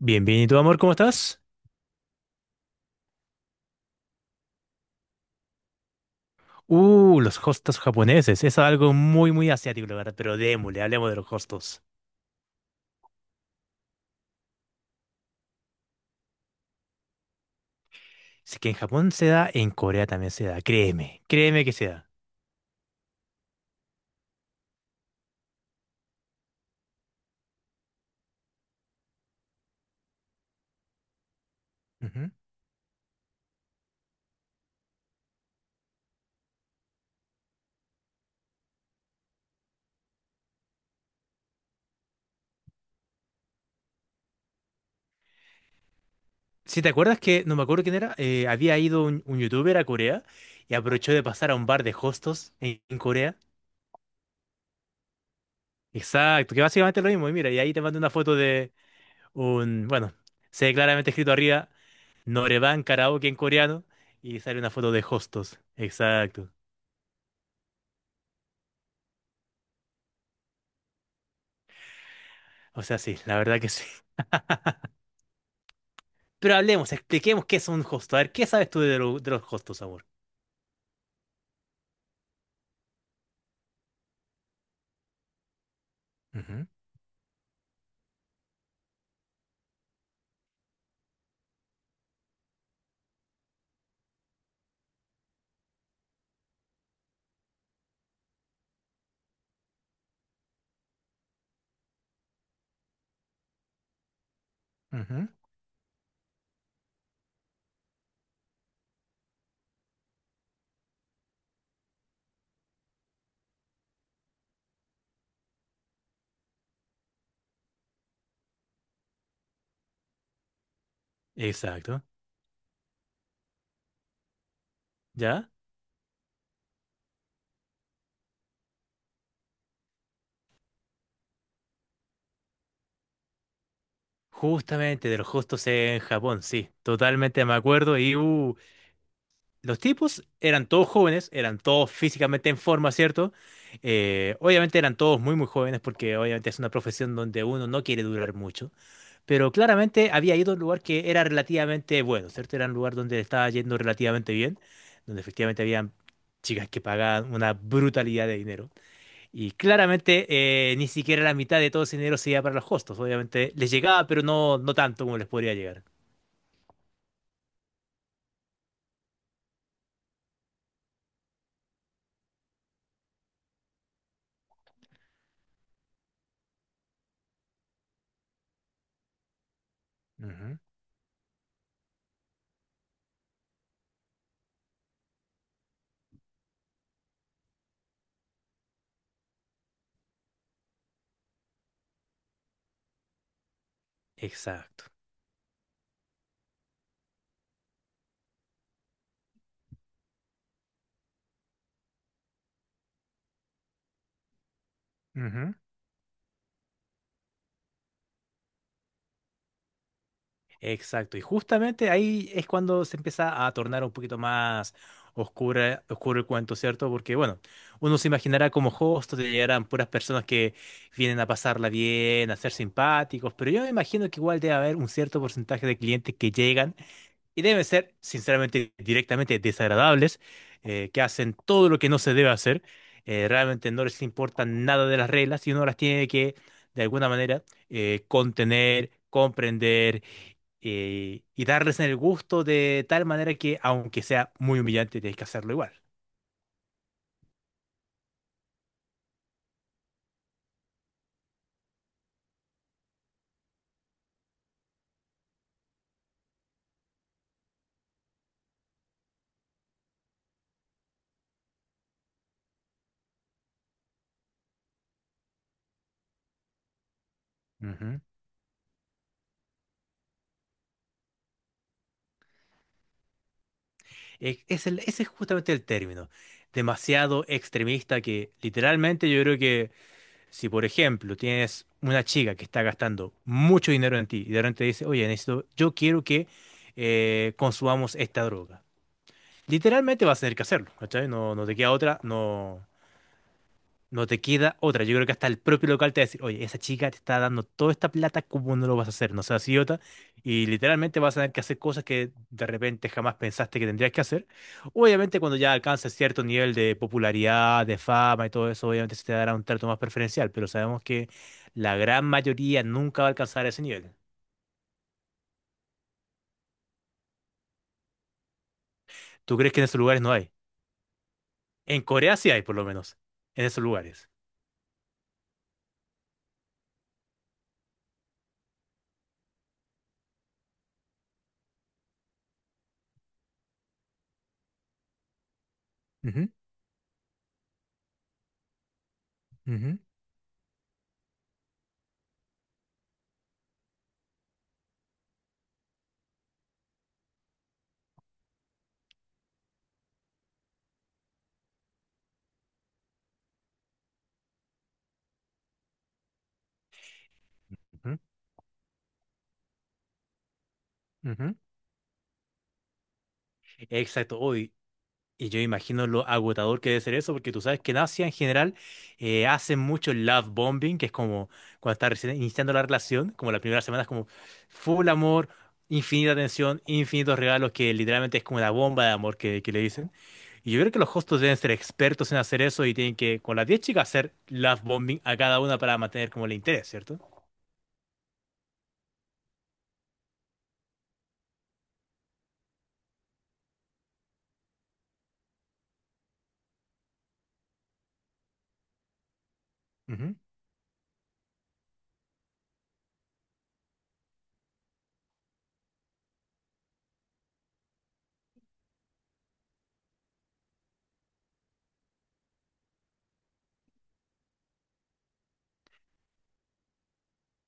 Bien, bien, ¿y tú, amor, cómo estás? Los hostos japoneses. Es algo muy, muy asiático, la verdad, pero démosle, hablemos de los hostos. Si que en Japón se da, en Corea también se da. Créeme que se da. Ujú. Si te acuerdas que, no me acuerdo quién era, había ido un youtuber a Corea y aprovechó de pasar a un bar de hostos en Corea. Exacto, que básicamente es lo mismo. Y mira, y ahí te mando una foto de un, bueno, se ve claramente escrito arriba, Noreban Karaoke en coreano, y sale una foto de hostos. Exacto. O sea, sí, la verdad que sí. Pero hablemos, expliquemos qué es un hosto. A ver, ¿qué sabes tú de, de los hostos, amor? Ujú, ujú. Exacto, ¿ya? Justamente de los hostos en Japón, sí, totalmente me acuerdo. Y los tipos eran todos jóvenes, eran todos físicamente en forma, ¿cierto? Obviamente eran todos muy, muy jóvenes porque obviamente es una profesión donde uno no quiere durar mucho. Pero claramente había ido a un lugar que era relativamente bueno, ¿cierto? Era un lugar donde estaba yendo relativamente bien, donde efectivamente habían chicas que pagaban una brutalidad de dinero. Y claramente ni siquiera la mitad de todo ese dinero se iba para los hostos, obviamente les llegaba, pero no, no tanto como les podría llegar. Ujú. Exacto. Exacto, y justamente ahí es cuando se empieza a tornar un poquito más oscura, oscuro el cuento, ¿cierto? Porque, bueno, uno se imaginará como host te llegarán puras personas que vienen a pasarla bien, a ser simpáticos, pero yo me imagino que igual debe haber un cierto porcentaje de clientes que llegan y deben ser, sinceramente, directamente desagradables, que hacen todo lo que no se debe hacer, realmente no les importa nada de las reglas y uno las tiene que, de alguna manera, contener, comprender y darles el gusto de tal manera que, aunque sea muy humillante, tienes que hacerlo igual. Ujú. Ese es justamente el término, demasiado extremista que literalmente yo creo. Si, por ejemplo, tienes una chica que está gastando mucho dinero en ti y de repente dice, oye, necesito, yo quiero que consumamos esta droga. Literalmente vas a tener que hacerlo, ¿cachai? No, no te queda otra, no, no te queda otra. Yo creo que hasta el propio local te va a decir, oye, esa chica te está dando toda esta plata, ¿cómo no lo vas a hacer? No seas idiota. Y literalmente vas a tener que hacer cosas que de repente jamás pensaste que tendrías que hacer. Obviamente cuando ya alcances cierto nivel de popularidad, de fama y todo eso, obviamente se te dará un trato más preferencial, pero sabemos que la gran mayoría nunca va a alcanzar ese nivel. ¿Tú crees que en esos lugares no hay? En Corea sí hay, por lo menos, en esos lugares. Ujú, ujú, ujú, ujú. Exacto. Uy, y yo imagino lo agotador que debe ser eso, porque tú sabes que en Asia en general hacen mucho love bombing, que es como cuando estás recién iniciando la relación, como la primera semana es como full amor, infinita atención, infinitos regalos, que literalmente es como una bomba de amor que le dicen. Y yo creo que los hostos deben ser expertos en hacer eso y tienen que, con las 10 chicas, hacer love bombing a cada una para mantener como el interés, ¿cierto? Ujú.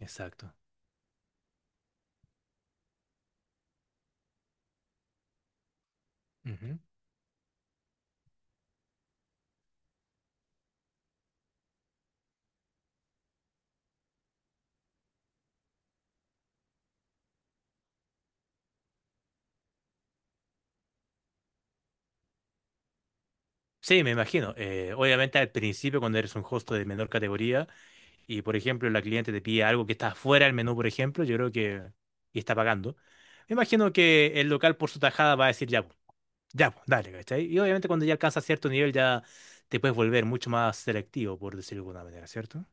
Exacto. Ujú. Sí, me imagino. Obviamente al principio, cuando eres un host de menor categoría, y por ejemplo la cliente te pide algo que está fuera del menú, por ejemplo, yo creo que y está pagando, me imagino que el local por su tajada va a decir ya, pues, dale, ¿cachai? Y obviamente cuando ya alcanza cierto nivel ya te puedes volver mucho más selectivo, por decirlo de alguna manera, ¿cierto?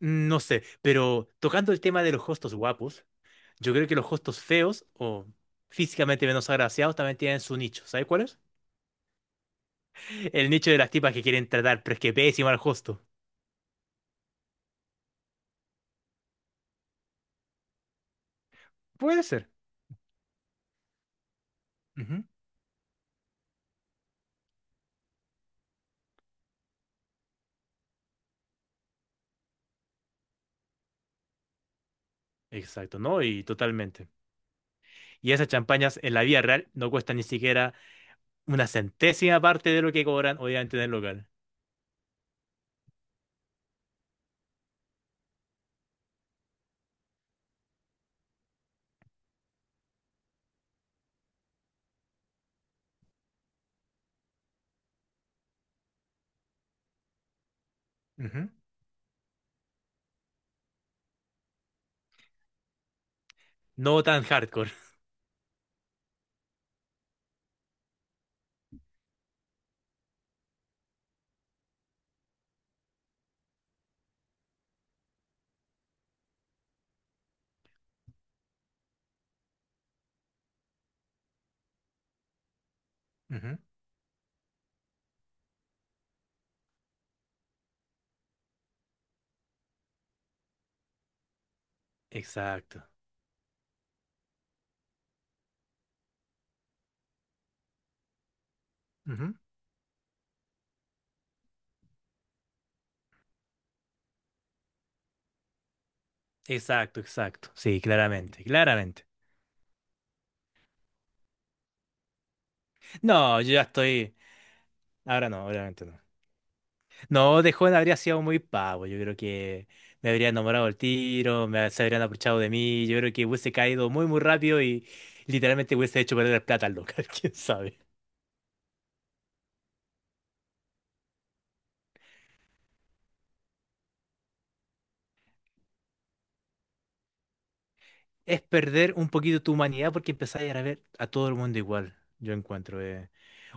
Mm, no sé, pero tocando el tema de los hostos guapos, yo creo que los hostos feos o físicamente menos agraciados también tienen su nicho, ¿sabes cuál es? El nicho de las tipas que quieren tratar, pero es que pésimo al hosto. Puede ser. Ujú. Exacto, ¿no? Y totalmente. Y esas champañas en la vida real no cuestan ni siquiera una centésima parte de lo que cobran obviamente en el local. Ujú. No tan hardcore. Ujú. Exacto. Ujú. Exacto, exacto. Sí, claramente, claramente. No, yo ya estoy. Ahora no, obviamente no. No, de joven habría sido muy pavo. Yo creo que me habría enamorado el tiro, me, se habrían aprovechado de mí. Yo creo que hubiese caído muy, muy rápido y literalmente hubiese hecho perder plata al local. ¿Quién sabe? Es perder un poquito tu humanidad porque empezás a ver a todo el mundo igual, yo encuentro.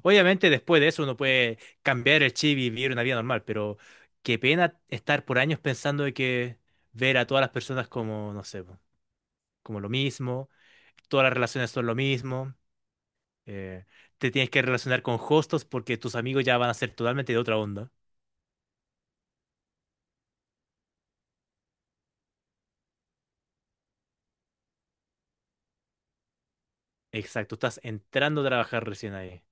Obviamente después de eso uno puede cambiar el chip y vivir una vida normal, pero qué pena estar por años pensando de que ver a todas las personas como, no sé, po, como lo mismo, todas las relaciones son lo mismo, eh, te tienes que relacionar con hostos porque tus amigos ya van a ser totalmente de otra onda. Exacto, estás entrando a trabajar recién ahí.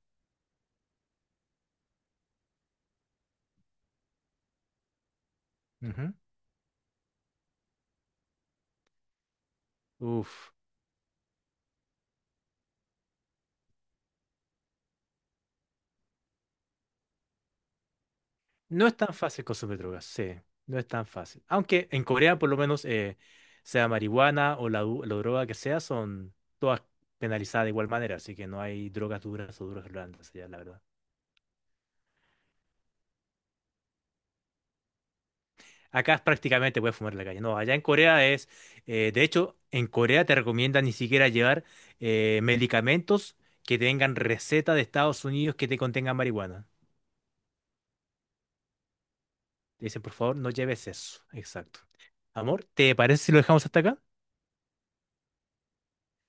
Ujú. Uf. No es tan fácil consumir drogas, sí, no es tan fácil. Aunque en Corea, por lo menos, sea marihuana o la, la droga que sea, son todas penalizadas de igual manera, así que no hay drogas duras o drogas blandas allá, la verdad. Acá es prácticamente puedes fumar en la calle. No, allá en Corea es, de hecho, en Corea te recomiendan ni siquiera llevar medicamentos que tengan receta de Estados Unidos que te contengan marihuana. Te dicen, por favor, no lleves eso. Exacto. Amor, ¿te parece si lo dejamos hasta acá?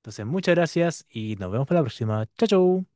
Entonces, muchas gracias y nos vemos para la próxima. Chao, chao.